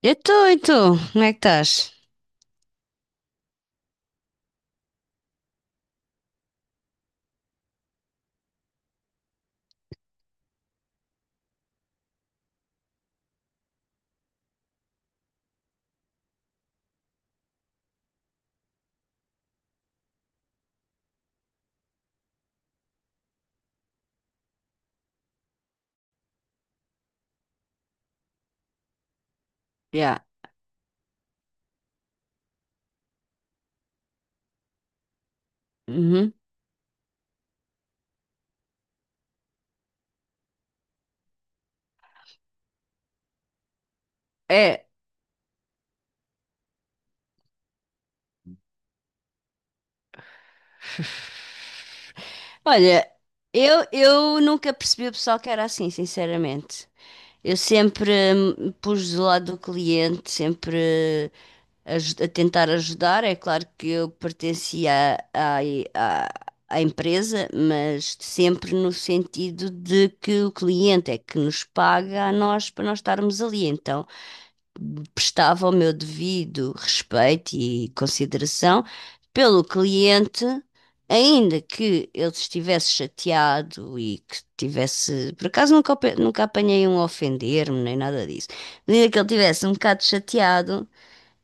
Eu estou, e tu? Como é que estás? Yeah. Uhum. É. Olha, eu nunca percebi o pessoal que era assim, sinceramente. Eu sempre pus do lado do cliente, sempre a tentar ajudar. É claro que eu pertencia à, à empresa, mas sempre no sentido de que o cliente é que nos paga a nós para nós estarmos ali. Então, prestava o meu devido respeito e consideração pelo cliente, ainda que ele estivesse chateado e que tivesse, por acaso nunca, ope- nunca apanhei um a ofender-me nem nada disso, mas ainda que ele estivesse um bocado chateado,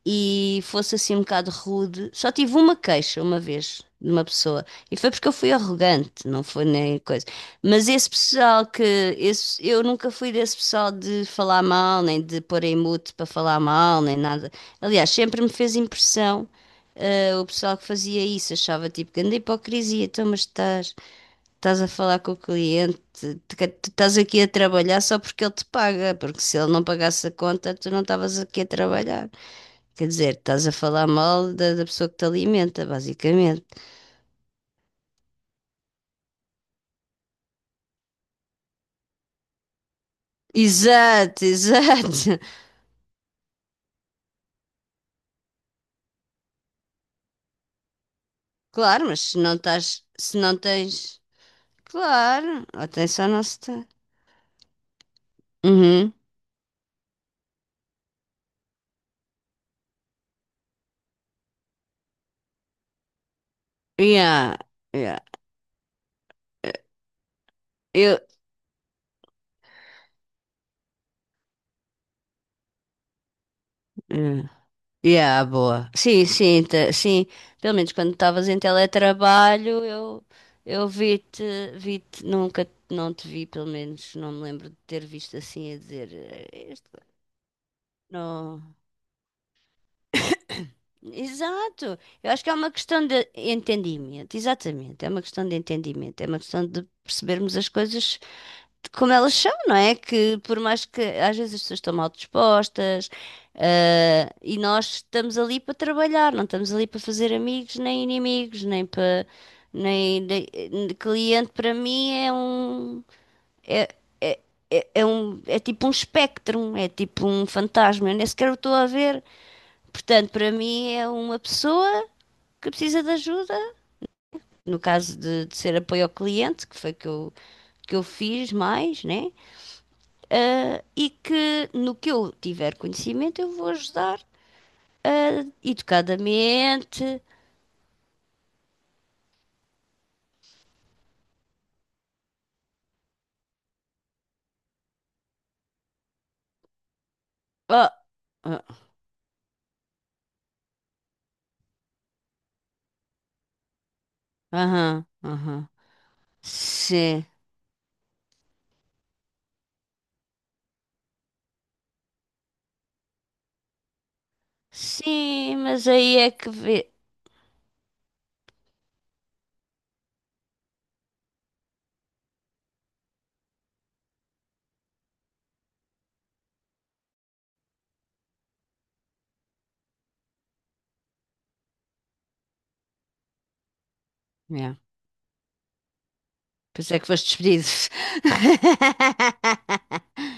e fosse assim um bocado rude. Só tive uma queixa uma vez de uma pessoa e foi porque eu fui arrogante, não foi nem coisa. Mas esse pessoal que esse, eu nunca fui desse pessoal de falar mal, nem de pôr em mute para falar mal, nem nada. Aliás, sempre me fez impressão. Eh, o pessoal que fazia isso achava tipo grande hipocrisia, então, mas estás a falar com o cliente, tu estás aqui a trabalhar só porque ele te paga, porque se ele não pagasse a conta, tu não estavas aqui a trabalhar. Quer dizer, estás a falar mal da pessoa que te alimenta, basicamente. Exato, exato. Claro, mas se não estás, se não tens. Claro, atenção não se está. Uhum. Yeah, yeah. Eu. Yeah, yeah, boa. Sim, sim, sim. Pelo menos quando estavas em teletrabalho, eu, eu vi-te, vi-te, nunca não te vi, pelo menos não me lembro de ter visto assim a dizer. "Eh, este... Não. Exato. Eu acho que é uma questão de entendimento, exatamente. É uma questão de entendimento, é uma questão de percebermos as coisas de como elas são, não é? Que por mais que às vezes as pessoas estão mal dispostas, e nós estamos ali para trabalhar, não estamos ali para fazer amigos nem inimigos, nem para cliente para mim é, é, é um é tipo um espectro, é tipo um fantasma. Eu nem sequer o estou a ver. Portanto, para mim é uma pessoa que precisa de ajuda, no caso de ser apoio ao cliente, que eu fiz mais, né? E que no que eu tiver conhecimento eu vou ajudar educadamente. Ah, ah. Aham, aham. Sim, sim, mas aí é que vê. Yeah. Pois é que foste despedido.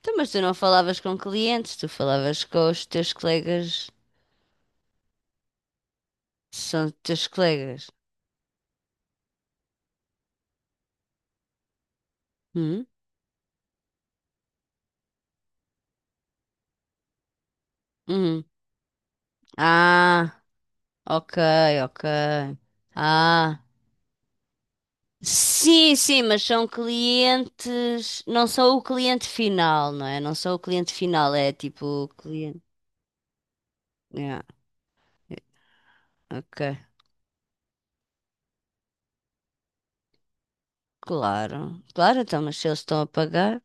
Então, mas tu não falavas com clientes, tu falavas com os teus colegas. São teus colegas. Hum? Hum. Ah, ok, ok. Ah, sim, sim, mas são clientes. Não são o cliente final, não é? Não são o cliente final, é tipo o cliente. Yeah. Ok, claro. Claro, então, mas se eles estão a pagar.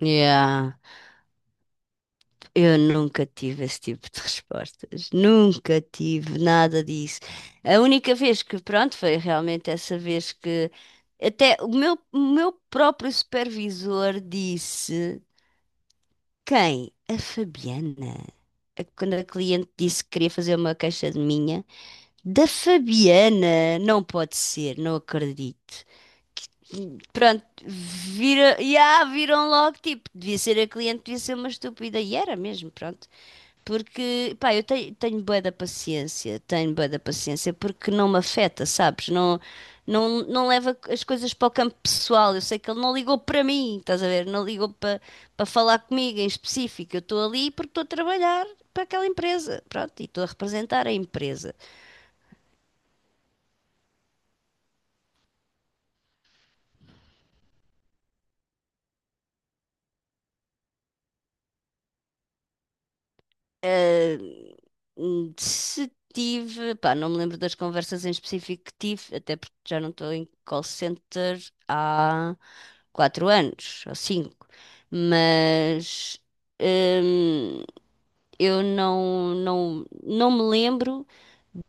Yeah. Eu nunca tive esse tipo de respostas, nunca tive nada disso. A única vez que, pronto, foi realmente essa vez que até o meu próprio supervisor disse: quem? A Fabiana. A- quando a cliente disse que queria fazer uma queixa de minha, da Fabiana, não pode ser, não acredito. Pronto, vira, yeah, viram logo, tipo, devia ser a cliente, devia ser uma estúpida, e era mesmo, pronto. Porque, pá, eu tenho, tenho bué da paciência, tenho bué da paciência, porque não me afeta, sabes? Não, não leva as coisas para o campo pessoal. Eu sei que ele não ligou para mim, estás a ver? Não ligou para falar comigo em específico. Eu estou ali porque estou a trabalhar para aquela empresa, pronto, e estou a representar a empresa. Ah, se tive, pá, não me lembro das conversas em específico que tive, até porque já não estou em call center há quatro anos ou cinco, mas. Eu não, não me lembro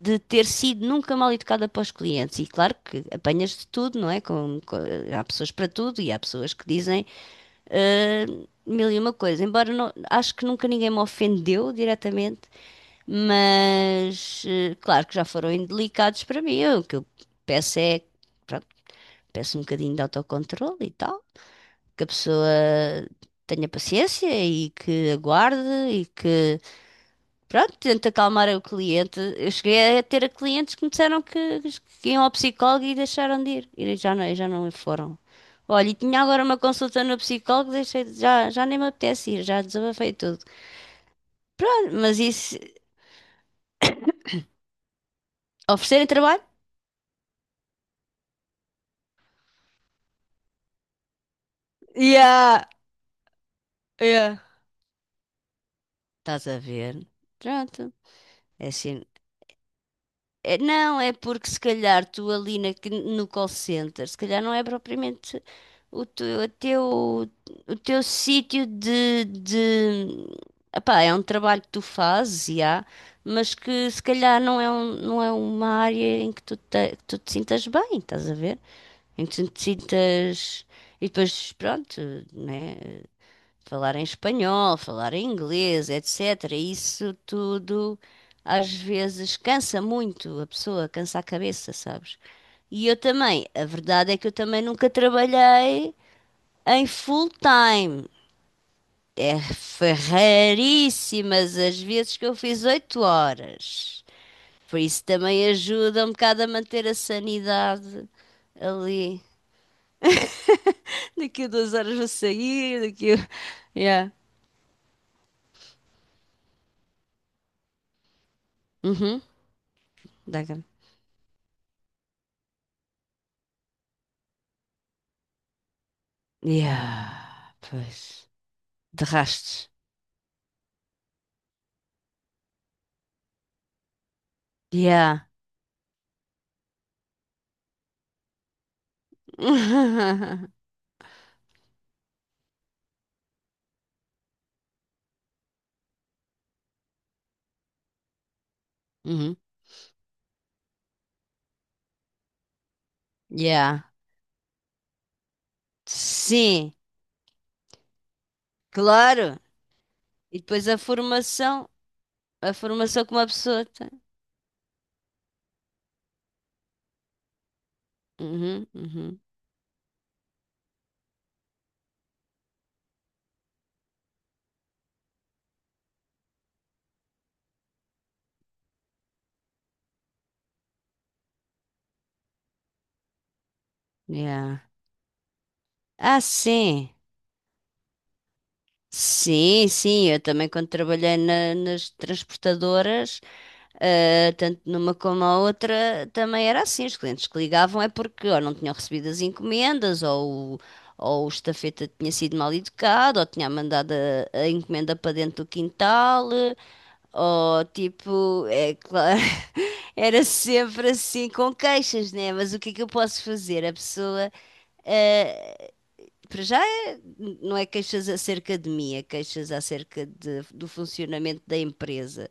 de ter sido nunca mal educada para os clientes. E claro que apanhas de tudo, não é? Há pessoas para tudo e há pessoas que dizem ah, mil e uma coisa. Embora não- Acho que nunca ninguém me ofendeu diretamente, mas claro que já foram indelicados para mim. O que eu peço é, pronto, peço um bocadinho de autocontrole e tal, que a pessoa tenha paciência e que aguarde e que pronto, tento acalmar o cliente. Eu cheguei a ter clientes que me disseram que iam ao psicólogo e deixaram de ir. E já não foram. Olha, e tinha agora uma consulta no psicólogo, já, já nem me apetece ir, já desabafei tudo. Pronto, mas isso, oferecerem trabalho? Yeah, yeah. Estás a ver? Pronto. É assim, é, não, é porque se calhar tu ali no call center, se calhar não é propriamente o teu, o teu, o teu sítio de... Epá, é um trabalho que tu fazes, e há, mas que se calhar não é, não é uma área em que tu te sintas bem, estás a ver? Em que tu te sintas... E depois, pronto, né? Falar em espanhol, falar em inglês, etc. Isso tudo às vezes cansa muito a pessoa, cansa a cabeça, sabes? E eu também, a verdade é que eu também nunca trabalhei em full time. É, foi raríssimas as vezes que eu fiz oito horas. Por isso também ajuda um bocado a manter a sanidade ali. Daqui a duas horas vou sair, daqui a... Yeah. Uhum. Dá cá. Yeah, pois. De rastos. Yeah. Uhum. Yeah. Sim, claro. E depois a formação que uma pessoa tem. Uhum, uhum. Yeah. Ah, sim. Sim, sim. Eu também quando trabalhei nas transportadoras, uh, tanto numa como a outra também era assim. Os clientes que ligavam é porque ou não tinham recebido as encomendas, ou o estafeta tinha sido mal educado, ou tinha mandado a encomenda para dentro do quintal, ou tipo, é claro, era sempre assim com queixas, né? Mas o que é que eu posso fazer? A pessoa, uh, para já, não é queixas acerca de mim, é queixas acerca do funcionamento da empresa.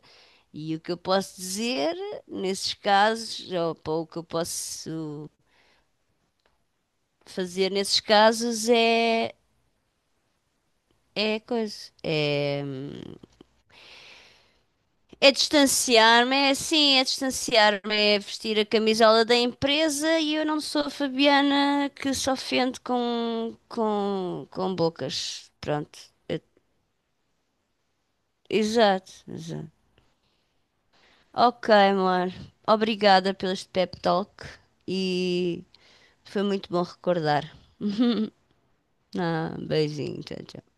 E o que eu posso dizer nesses casos, ou pá, o que eu posso fazer nesses casos é, é coisa. É, é distanciar-me, é assim, é distanciar-me, é vestir a camisola da empresa e eu não sou a Fabiana que se ofende com bocas. Pronto. Eu- exato, exato. Ok, amor. Obrigada pelo este pep talk e foi muito bom recordar. Ah, beijinho, tchau, tchau.